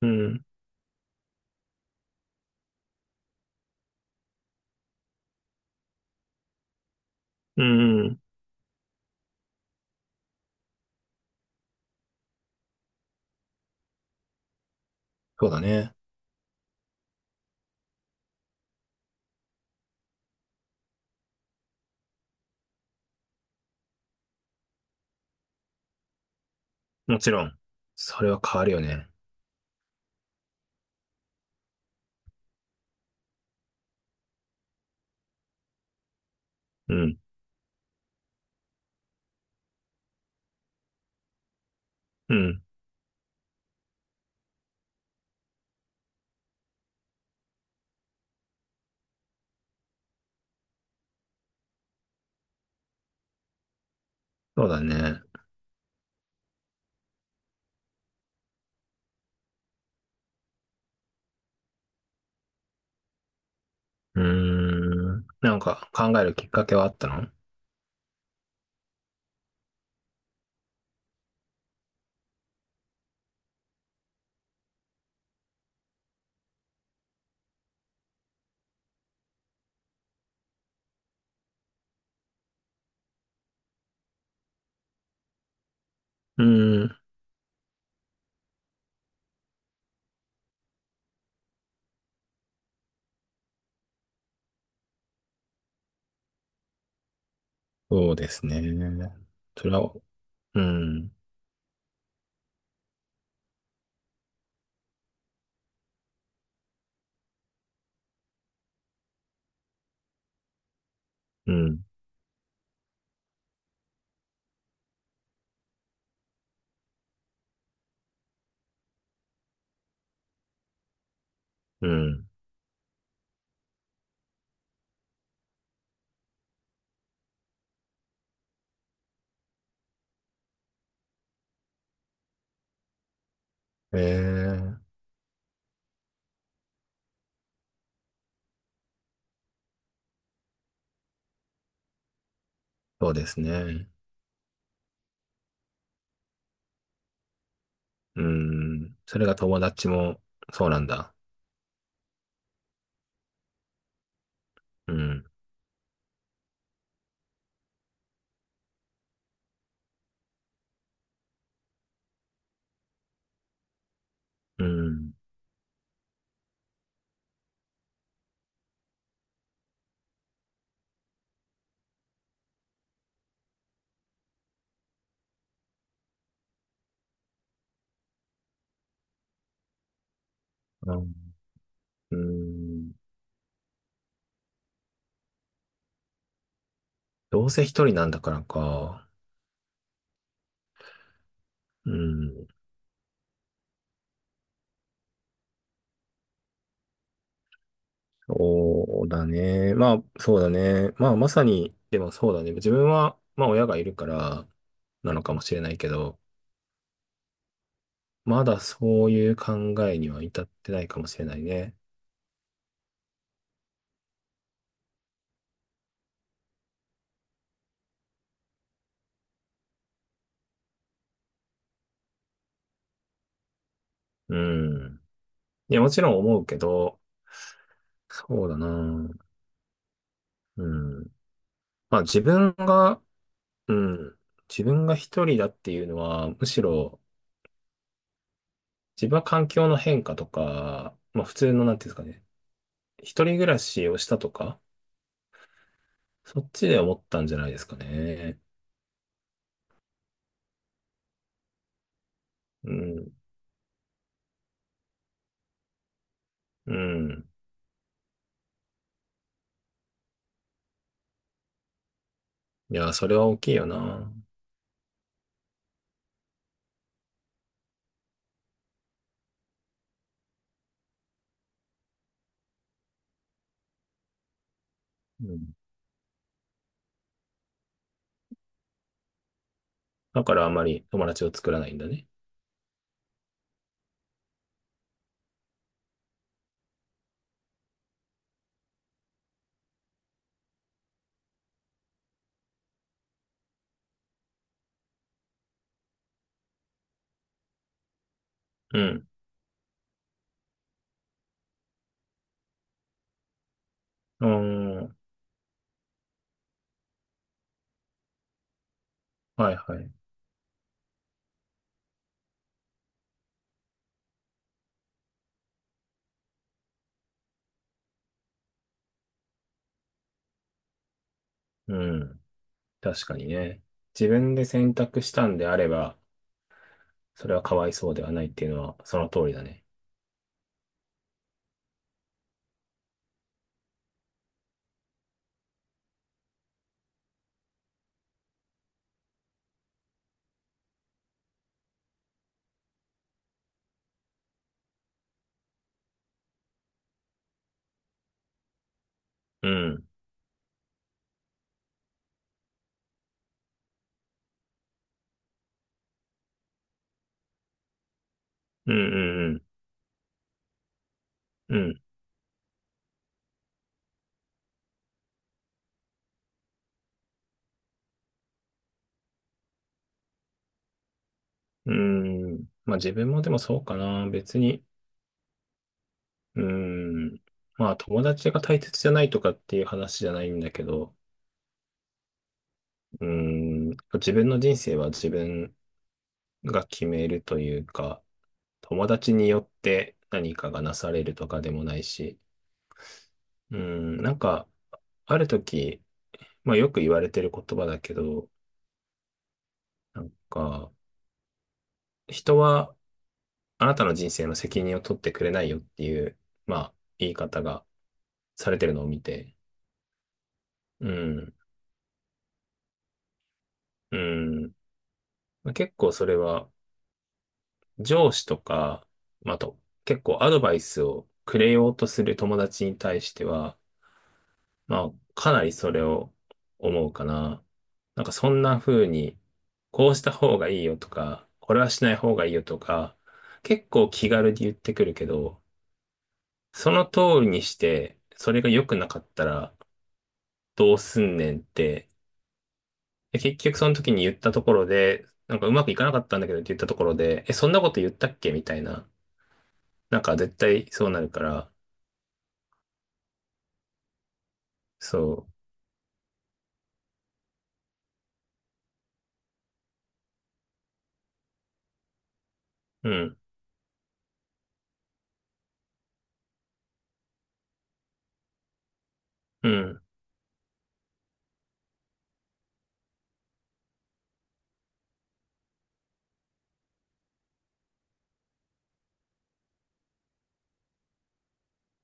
うん。うん、うん。そうだね。もちろん。それは変わるよね。うん。うん。そうだね。うーん。なんか考えるきっかけはあったの？うーん。そうですね。それは、うん。うん。うん。ええ、そうですね。うん。それが友達も、そうなんだ。うん。うん。あ、うん。どうせ一人なんだからか。うん。そうだね。まあ、そうだね。まあ、まさに、でもそうだね。自分は、まあ、親がいるから、なのかもしれないけど、まだそういう考えには至ってないかもしれないね。うん。いや、もちろん思うけど、そうだな。うん。まあ、自分が、うん。自分が一人だっていうのは、むしろ、自分は環境の変化とか、まあ、普通の、なんていうんですかね。一人暮らしをしたとか、そっちで思ったんじゃないですかね。うん、うん。いや、それは大きいよな。うん。だからあまり友達を作らないんだね。うん。うーん。はいはい。うん。確かにね。自分で選択したんであれば、それはかわいそうではないっていうのはその通りだね。うん。うん、うん、うん。うん。うん。まあ自分もでもそうかな。別に。うん。まあ友達が大切じゃないとかっていう話じゃないんだけど、うん。自分の人生は自分が決めるというか、友達によって何かがなされるとかでもないし、うん、なんか、ある時、まあよく言われてる言葉だけど、なんか、人はあなたの人生の責任を取ってくれないよっていう、まあ、言い方がされてるのを見て、うん、うん、まあ結構それは上司とか、まああと、結構アドバイスをくれようとする友達に対しては、まあ、かなりそれを思うかな。なんかそんな風に、こうした方がいいよとか、これはしない方がいいよとか、結構気軽に言ってくるけど、その通りにして、それが良くなかったらどうすんねんって、で結局その時に言ったところで、なんかうまくいかなかったんだけどって言ったところで、え、そんなこと言ったっけみたいな。なんか絶対そうなるから、そう。うん。うん。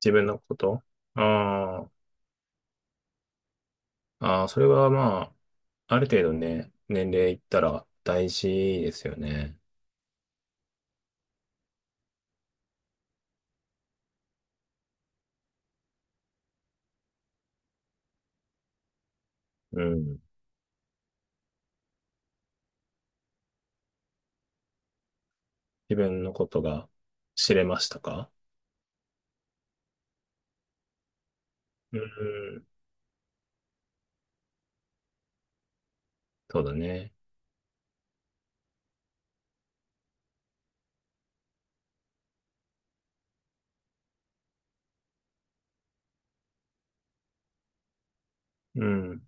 自分のこと、あ、あー。ああ、それはまあ、ある程度ね、年齢いったら大事ですよね。うん。自分のことが知れましたか？うん。そうだね。うん。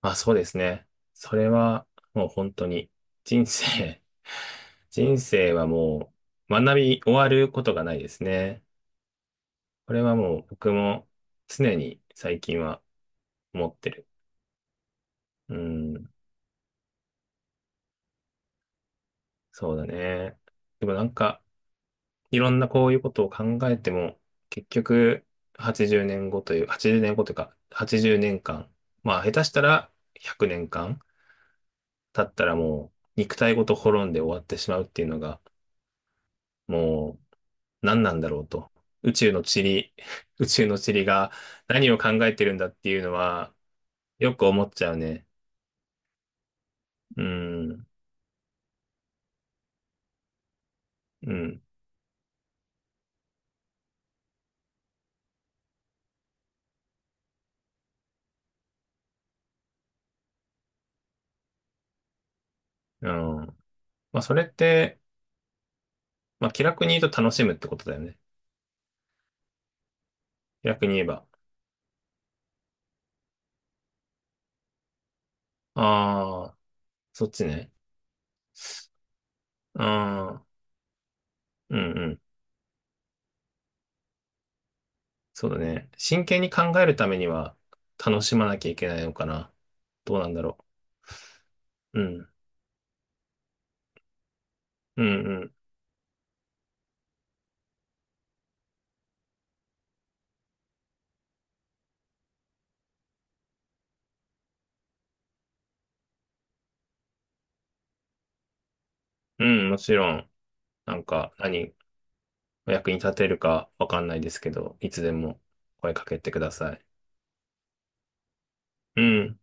あ、そうですね。それはもう本当に人生、人生はもう学び終わることがないですね。これはもう僕も常に最近は思ってる。うん。そうだね。でもなんか、いろんなこういうことを考えても、結局、80年後という、80年後というか、80年間、まあ、下手したら100年間経ったらもう、肉体ごと滅んで終わってしまうっていうのが、もう、何なんだろうと。宇宙の塵、宇宙の塵が何を考えてるんだっていうのは、よく思っちゃうね。うん、うん、うん。まあ、それって、まあ、気楽に言うと楽しむってことだよね。気楽に言えば。ああ、そっちね。ああ、うん、うん。そうだね。真剣に考えるためには楽しまなきゃいけないのかな。どうなんだろう。うん。うん、うん。うん、もちろん、なんか何、お役に立てるかわかんないですけど、いつでも声かけてください。うん。